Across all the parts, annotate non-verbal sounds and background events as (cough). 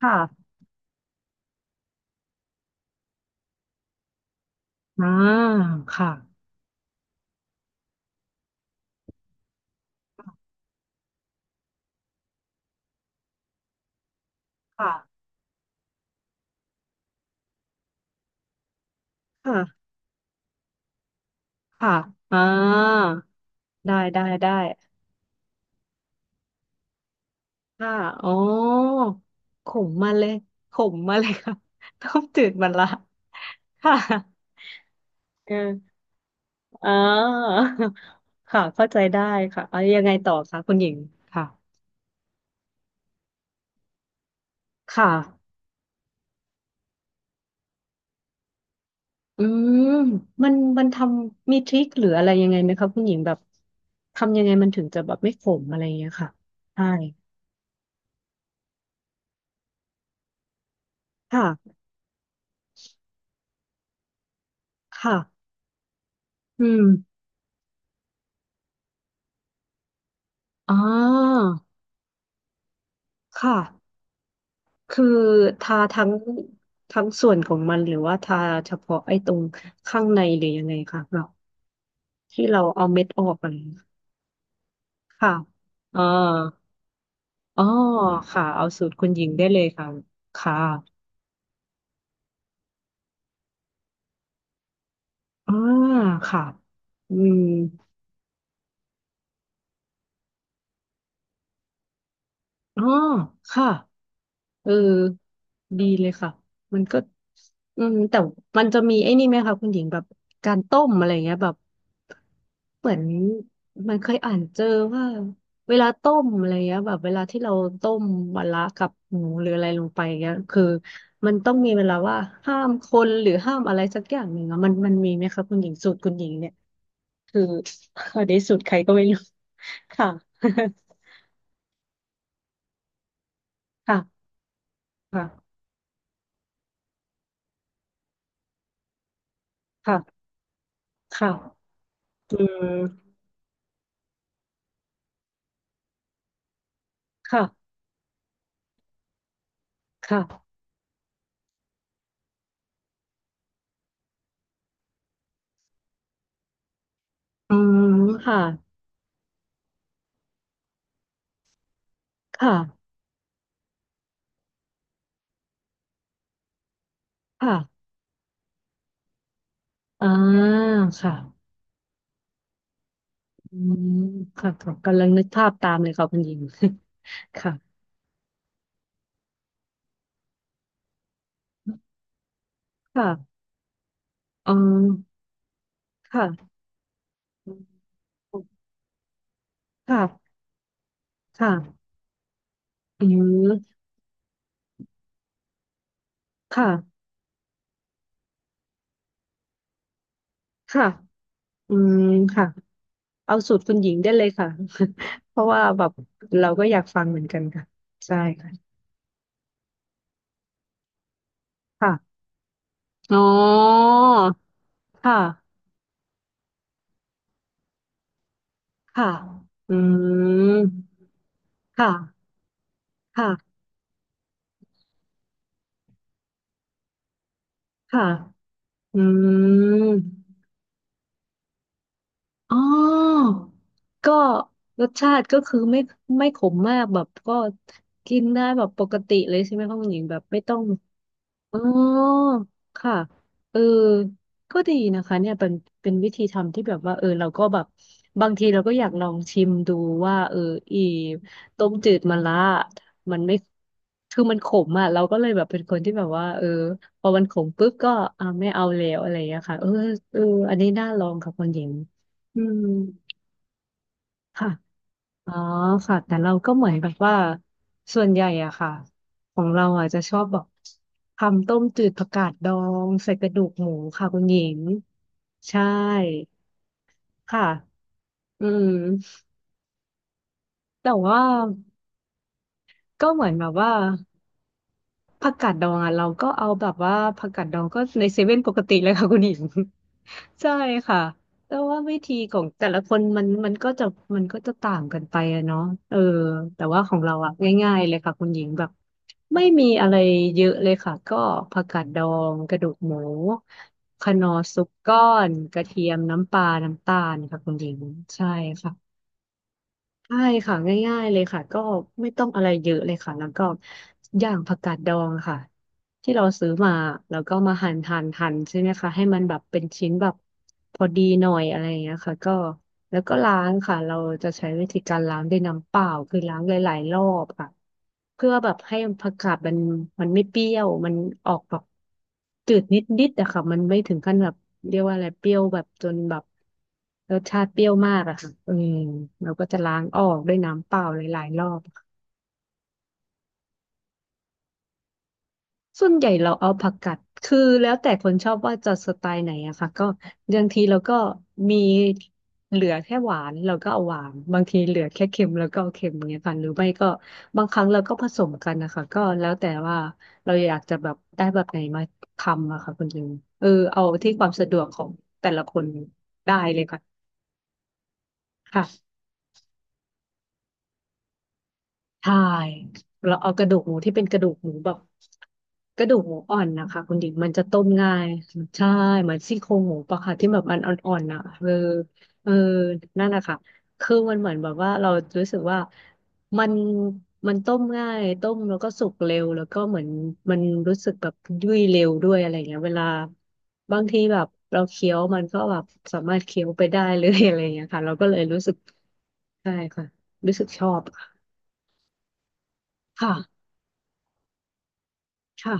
ค่ะอ่าค่ะค่ะค่ะค่ะอ่าได้ได้ได้ค่ะอ๋อขมมาเลยขมมาเลยค่ะ (laughs) ต้มจืดมันละ ค่ะเอออ่าค่ะเข้าใจได้ค่ะเอายังไงต่อคะคุณหญิง ค่ะค่ะอืมมันทำมีทริคหรืออะไรยังไงไหมคะคุณหญิงแบบทำยังไงมันถึงจะแบบไม่ขมอะไรอย่างเงี้ยค่ะ ใช่ ค่ะค่ะอืมอ๋อ ค่ะ คือทาทั้งส่วนของมันหรือว่าทาเฉพาะไอ้ตรงข้างในหรือยังไงคะเราที่เราเอาเม็ดออกอะไรอย่างเงี้ยค่ะอ่าอ๋อค่ะ เอาสูตรคุณหญิงได้เลยค่ะค่ะอ่าค่ะ อืมอ๋อค่ะ เออดีเลยค่ะมันก็อืมแต่มันจะมีไอ้นี่ไหมคะคุณหญิงแบบการต้มอะไรเงี้ยแบบเหมือนมันเคยอ่านเจอว่าเวลาต้มอะไรเงี้ยแบบเวลาที่เราต้มมะระกับหมูหรืออะไรลงไปเงี้ยคือมันต้องมีเวลาว่าห้ามคนหรือห้ามอะไรสักอย่างหนึ่งอะมันมีไหมคะคุณหญิงสูตรคุณหญิงเนี่ยคือใครก็ไม่ค่ะ (laughs) ค่ะ ค่ะ ค่ะค่ะอืมค่ะค่ะ อืมค่ะค่ะค่ะอ่าค่ะอืมค่ะค่ะกำลังนึกภาพตามเลยค่ะคุณหญิง (laughs) ค่ะค่ะอ๋อค่ะค่ะค่ะอืมค่ะค่ะอืมค่ะเอาสูตรคุณหญิงได้เลยค่ะ (laughs) เพราะว่าแบบเราก็อยากฟังเหมือนกันค่ะใช่ค่ะค่ะอ๋อค่ะค่ะอืมค่ะค่ะค่ะอืม อ๋อ ก็รสชาติก็คือไม่ขมมากแบบก็กินได้แบบปกติเลยใช่ไหมคะคุณหญิงแบบไม่ต้อง อ๋อค่ะเออก็ดีนะคะเนี่ยเป็นวิธีทำที่แบบว่าเออเราก็แบบบางทีเราก็อยากลองชิมดูว่าเอออีต้มจืดมะระมันไม่คือมันขมอ่ะเราก็เลยแบบเป็นคนที่แบบว่าเออพอมันขมปุ๊บก็อ่าไม่เอาแล้วอะไรอย่างเงี้ยค่ะเออเอออันนี้น่าลองค่ะคุณหญิงอืมค่ะ อ๋อค่ะแต่เราก็เหมือนแบบว่าส่วนใหญ่อะค่ะของเราอะจะชอบแบบทำต้มจืดผักกาดดองใส่กระดูกหมูค่ะคุณหญิงใช่ค่ะอืมแต่ว่าก็เหมือนแบบว่า ผักกาดดองอ่ะเราก็เอาแบบว่าผักกาดดองก็ในเซเว่นปกติเลยค่ะคุณหญิง (laughs) ใช่ค่ะแต่ว่าวิธีของแต่ละคนมันก็จะก็จะต่างกันไปอะเนาะเออแต่ว่าของเราอ่ะง่ายๆเลยค่ะคุณหญิงแบบไม่มีอะไรเยอะเลยค่ะก็ผักกาดดองกระดูกหมูคะนอร์ซุปก้อนกระเทียมน้ำปลาน้ำตาลค่ะคุณหญิงใช่ค่ะใช่ค่ะง่ายๆเลยค่ะก็ไม่ต้องอะไรเยอะเลยค่ะแล้วก็ย่างผักกาดดองค่ะ ที่เราซื้อมาแล้วก็มาหั่นใช่ไหมคะให้มันแบบเป็นชิ้นแบบพอดีหน่อยอะไรอย่างเงี้ยค่ะก็แล้วก็ล้างค่ะเราจะใช้วิธีการล้างด้วยน้ำเปล่าคือล้างหลายๆรอบค่ะเพื่อแบบให้ผักกาดมันไม่เปรี้ยวมันออกแบบจืดนิดๆอะค่ะมันไม่ถึงขั้นแบบเรียกว่าอะไรเปรี้ยวแบบจนแบบรสชาติเปรี้ยวมากอะค่ะเออเราก็จะล้างออกด้วยน้ำเปล่าหลายๆรอบ ส่วนใหญ่เราเอาผักกัดคือแล้วแต่คนชอบว่าจะสไตล์ไหนอะค่ะก็บางทีเราก็มีเหลือแค่หวานเราก็เอาหวานบางทีเหลือแค่เค็มเราก็เอาเค็มอย่างเงี้ยค่ะหรือไม่ก็บางครั้งเราก็ผสมกันนะคะก็แล้วแต่ว่าเราอยากจะแบบได้แบบไหนมาทำอะค่ะคุณลุงเออเอาที่ความสะดวกของแต่ละคนได้เลยค่ะค่ะ ใช่เราเอากระดูกหมูที่เป็นกระดูกหมูแบบกระดูกหมูอ่อนนะคะคุณดิงมันจะต้มง่ายใช่เหมือนซี่โครงหมูปะค่ะที่แบบมันอ่อนๆอ่ะเออเออนั่นแหละค่ะคือมันเหมือนแบบว่าเรารู้สึกว่ามันมันต้มง่ายต้มแล้วก็สุกเร็วแล้วก็เหมือนมันรู้สึกแบบยุ่ยเร็วด้วยอะไรเงี้ยเวลาบางทีแบบเราเคี้ยวมันก็แบบสามารถเคี้ยวไปได้เลย (laughs) อะไรเงี้ยค่ะเราก็เลยรู้สึกใช่ค่ะรู้สึกชอบค่ะ ค่ะ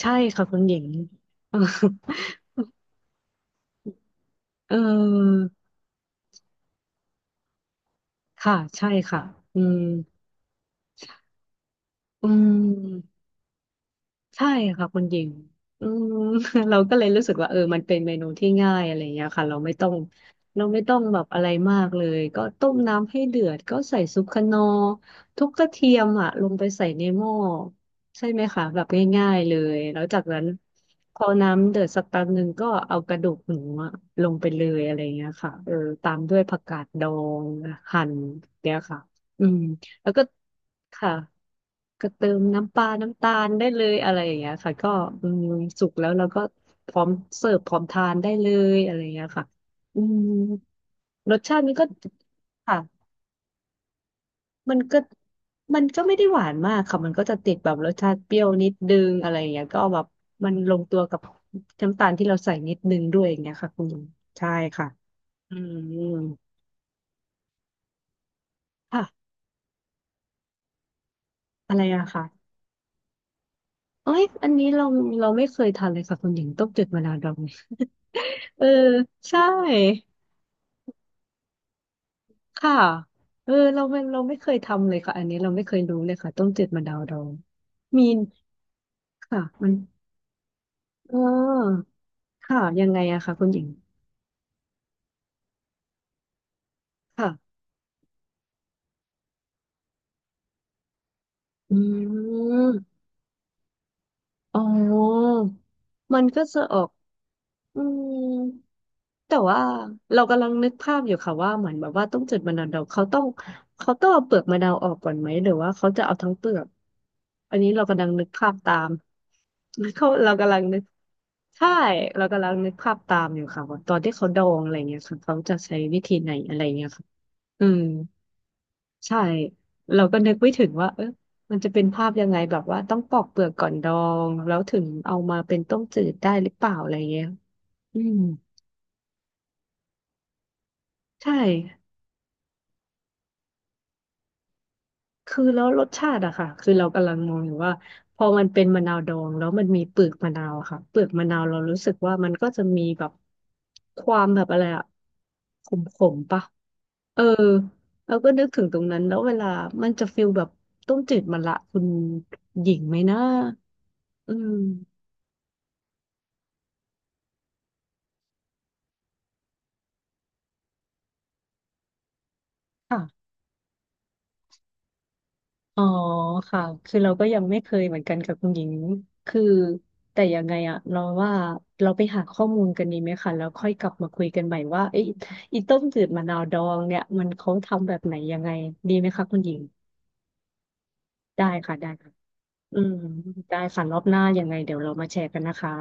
ใช่ค่ะคุณหญิง (laughs) เออเออค่ะใช่ค่ะอืมอืม ใช่ค่ะคุณหญิงอืม (laughs) เราก็เลยรู้สึกว่ามันเป็นเมนูที่ง่ายอะไรอย่างเงี้ยค่ะเราไม่ต้องแบบอะไรมากเลยก็ต้มน้ำให้เดือดก็ใส่ซุปคะนอร์ทุบกระเทียมอ่ะลงไปใส่ในหม้อใช่ไหมคะแบบง่ายๆเลยแล้วจากนั้นพอน้ำเดือดสักแป๊บนึงก็เอากระดูกหมูอะลงไปเลยอะไรอย่างเงี้ยค่ะตามด้วยผักกาดดองหั่นเนี่ยค่ะอืม แล้วก็ค่ะก็เติมน้ำปลาน้ำตาลได้เลยอะไรอย่างเงี้ยค่ะก็อืมสุกแล้วเราก็พร้อมเสิร์ฟพร้อมทานได้เลยอะไรอย่างเงี้ยค่ะอืมรสชาติมันก็ค่ะมันก็มันก็ไม่ได้หวานมากค่ะมันก็จะติดแบบรสชาติเปรี้ยวนิดนึงอะไรอย่างเงี้ยก็แบบมันลงตัวกับน้ำตาลที่เราใส่นิดนึงด้วยอย่างเงี้ยค่ะคุณลุงใช่ค่ะอืมค่ะอะไรอะค่ะเอ้ยอันนี้เราไม่เคยทานเลยค่ะคุณหญิงต้มจืดมะนาวดอง เออใช่ค่ะเออเราไม่เคยทำเลยค่ะอันนี้เราไม่เคยรู้เลยค่ะต้มจืดมะนาวดองมีค่ะมันเออค่ะยังไงอะค่ะคุณหญิงค่ะอืมอ๋อมันก็จะออกอืม แต่ว่าเรากำลังนึกภาพอยู่ค่ะว่าเหมือนแบบว่าต้องเจุดมะนาวดองเขาต้องเอาเปลือกมะนาวออกก่อนไหมหรือว่าเขาจะเอาทั้งเปลือกอันนี้เรากำลังนึกภาพตาม (laughs) เขาเรากำลังนึกใช่เรากำลังนึกภาพตามอยู่ค่ะว่าตอนที่เขาดองอะไรเงี้ยค่ะเขาจะใช้วิธีไหนอะไรเงี้ยค่ะอืมใช่เราก็นึกไม่ถึงว่ามันจะเป็นภาพยังไงแบบว่าต้องปอกเปลือกก่อนดองแล้วถึงเอามาเป็นต้มจืดได้หรือเปล่าอะไรเงี้ยอืมใช่ คือแล้วรสชาติอะค่ะคือเรากำลังมองอยู่ว่าพอมันเป็นมะนาวดองแล้วมันมีเปลือกมะนาวอะค่ะเปลือกมะนาวเรารู้สึกว่ามันก็จะมีแบบความแบบอะไรอะขมขมปะเออเราก็นึกถึงตรงนั้นแล้วเวลามันจะฟิลแบบต้มจืดมะละคุณหญิงไหมนะอืมค่ะ อ๋อค่ะคือเราก็ยังไม่เคยเหมือนกันกับคุณหญิงคือแต่ยังไงอะเราว่าเราไปหาข้อมูลกันดีไหมคะแล้วค่อยกลับมาคุยกันใหม่ว่าไอ้อีต้มจืดมะนาวดองเนี่ยมันเขาทำแบบไหนยังไงดีไหมคะคุณหญิงได้ค่ะได้ค่ะอืมได้ค่ะรอบหน้ายังไงเดี๋ยวเรามาแชร์กันนะคะ